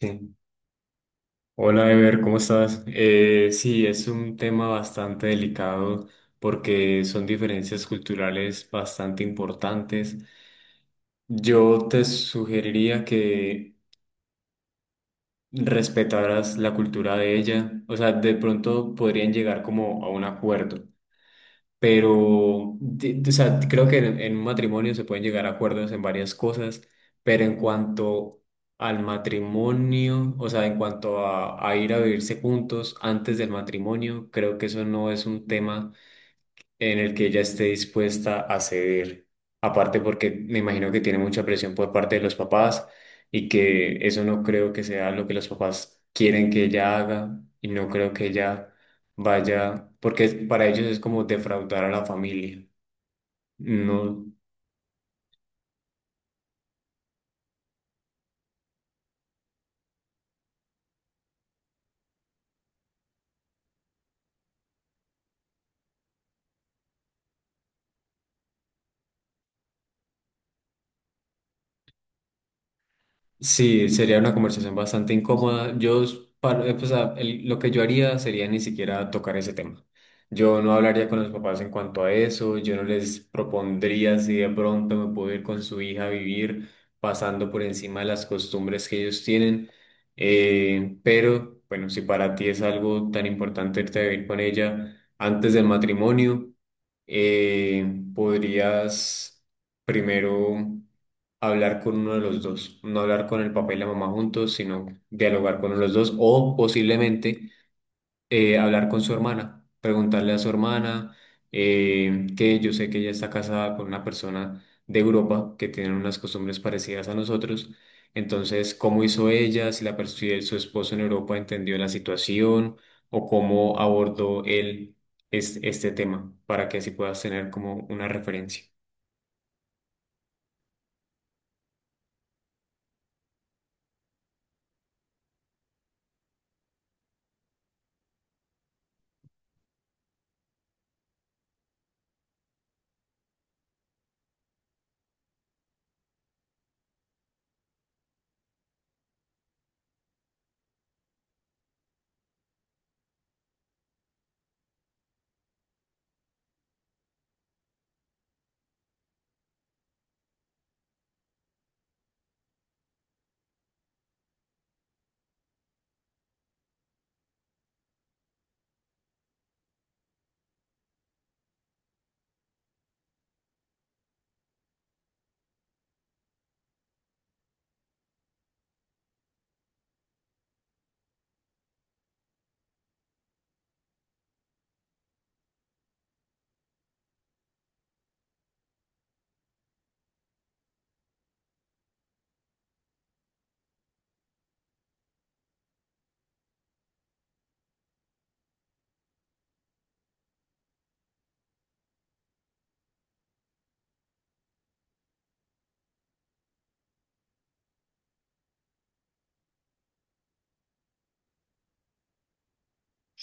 Sí. Hola, Ever, ¿cómo estás? Sí, es un tema bastante delicado porque son diferencias culturales bastante importantes. Yo te sugeriría que respetaras la cultura de ella. O sea, de pronto podrían llegar como a un acuerdo. Pero o sea, creo que en un matrimonio se pueden llegar a acuerdos en varias cosas, pero en cuanto al matrimonio, o sea, en cuanto a ir a vivirse juntos antes del matrimonio, creo que eso no es un tema en el que ella esté dispuesta a ceder. Aparte porque me imagino que tiene mucha presión por parte de los papás y que eso no creo que sea lo que los papás quieren que ella haga y no creo que ella vaya, porque para ellos es como defraudar a la familia. No. Sí, sería una conversación bastante incómoda. Pues, lo que yo haría sería ni siquiera tocar ese tema. Yo no hablaría con los papás en cuanto a eso, yo no les propondría si de pronto me puedo ir con su hija a vivir pasando por encima de las costumbres que ellos tienen. Pero, bueno, si para ti es algo tan importante irte a vivir con ella antes del matrimonio, eh, podrías primero hablar con uno de los dos, no hablar con el papá y la mamá juntos, sino dialogar con los dos o posiblemente hablar con su hermana, preguntarle a su hermana que yo sé que ella está casada con una persona de Europa que tiene unas costumbres parecidas a nosotros, entonces cómo hizo ella, si la pers- si el- su esposo en Europa entendió la situación o cómo abordó él este tema para que así puedas tener como una referencia.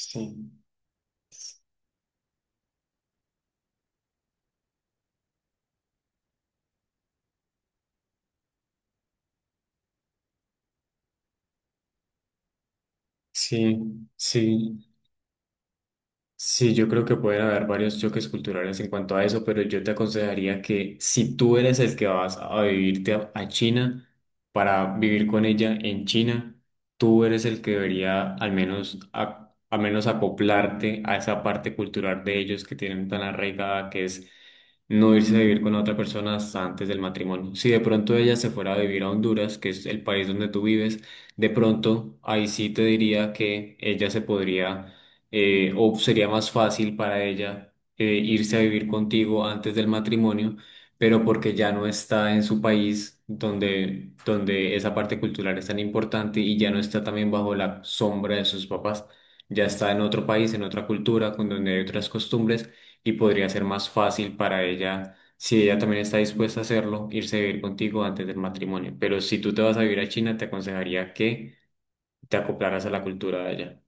Sí. Sí, sí. Sí, yo creo que pueden haber varios choques culturales en cuanto a eso, pero yo te aconsejaría que si tú eres el que vas a vivirte a China para vivir con ella en China, tú eres el que debería al menos, al menos acoplarte a esa parte cultural de ellos que tienen tan arraigada, que es no irse a vivir con otra persona hasta antes del matrimonio. Si de pronto ella se fuera a vivir a Honduras, que es el país donde tú vives, de pronto ahí sí te diría que ella se podría o sería más fácil para ella irse a vivir contigo antes del matrimonio, pero porque ya no está en su país donde esa parte cultural es tan importante y ya no está también bajo la sombra de sus papás, ya está en otro país, en otra cultura, con donde hay otras costumbres y podría ser más fácil para ella. Si ella también está dispuesta a hacerlo, irse a vivir contigo antes del matrimonio. Pero si tú te vas a vivir a China, te aconsejaría que te acoplaras a la cultura de allá.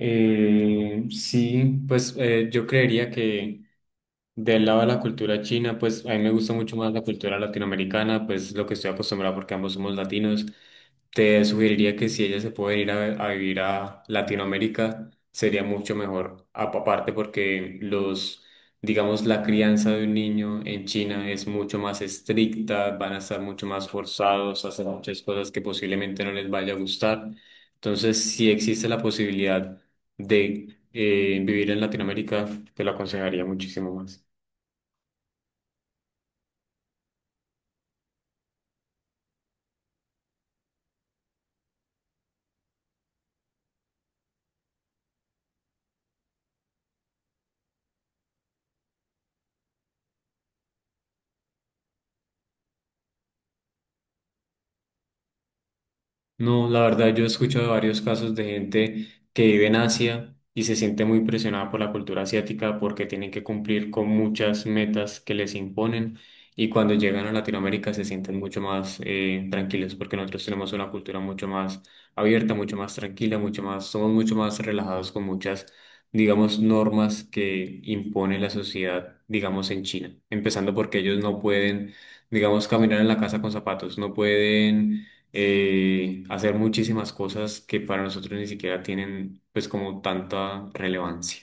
Sí, pues yo creería que... Del lado de la cultura china, pues a mí me gusta mucho más la cultura latinoamericana, pues lo que estoy acostumbrado porque ambos somos latinos. Te sugeriría que si ella se puede ir a vivir a Latinoamérica, sería mucho mejor. Aparte porque digamos, la crianza de un niño en China es mucho más estricta, van a estar mucho más forzados a hacer muchas cosas que posiblemente no les vaya a gustar. Entonces, si existe la posibilidad de vivir en Latinoamérica, te lo aconsejaría muchísimo más. No, la verdad, yo he escuchado varios casos de gente que vive en Asia y se siente muy presionada por la cultura asiática porque tienen que cumplir con muchas metas que les imponen y cuando llegan a Latinoamérica se sienten mucho más tranquilos porque nosotros tenemos una cultura mucho más abierta, mucho más tranquila, mucho más, somos mucho más relajados con muchas, digamos, normas que impone la sociedad, digamos, en China, empezando porque ellos no pueden, digamos, caminar en la casa con zapatos, no pueden hacer muchísimas cosas que para nosotros ni siquiera tienen pues como tanta relevancia.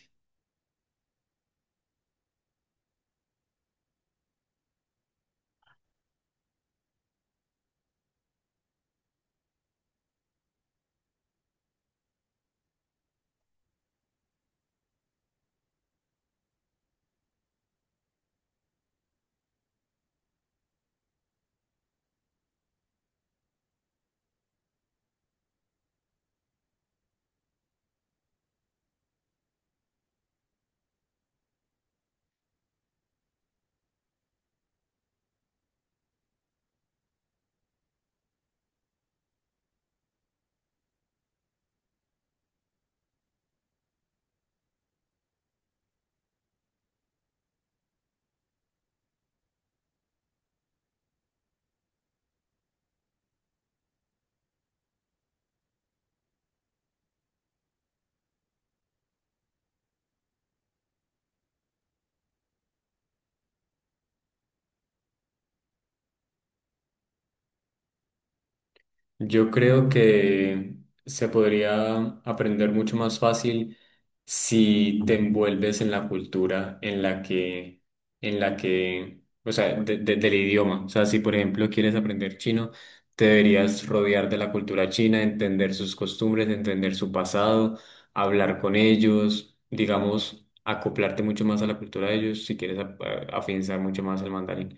Yo creo que se podría aprender mucho más fácil si te envuelves en la cultura en la que, o sea, del idioma. O sea, si por ejemplo quieres aprender chino, te deberías rodear de la cultura china, entender sus costumbres, entender su pasado, hablar con ellos, digamos, acoplarte mucho más a la cultura de ellos si quieres afianzar mucho más el mandarín.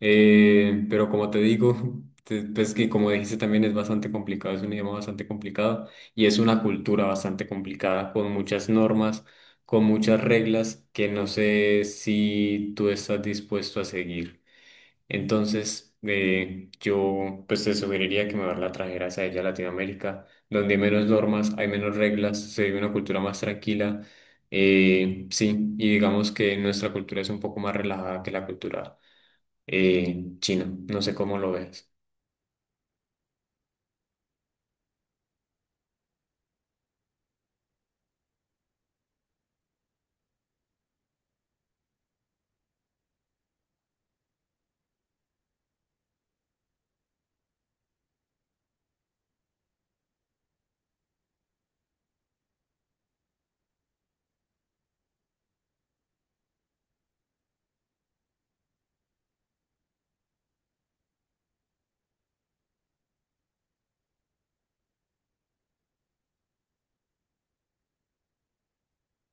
Pero como te digo, pues que como dijiste también es bastante complicado, es un idioma bastante complicado y es una cultura bastante complicada con muchas normas, con muchas reglas que no sé si tú estás dispuesto a seguir. Entonces, yo pues te sugeriría que mejor la trajeras a ella a Latinoamérica, donde hay menos normas, hay menos reglas, se vive una cultura más tranquila. Sí, y digamos que nuestra cultura es un poco más relajada que la cultura chino. No sé cómo lo ves.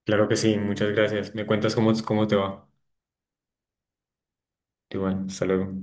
Claro que sí, muchas gracias. Me cuentas cómo, cómo te va. Igual, hasta luego.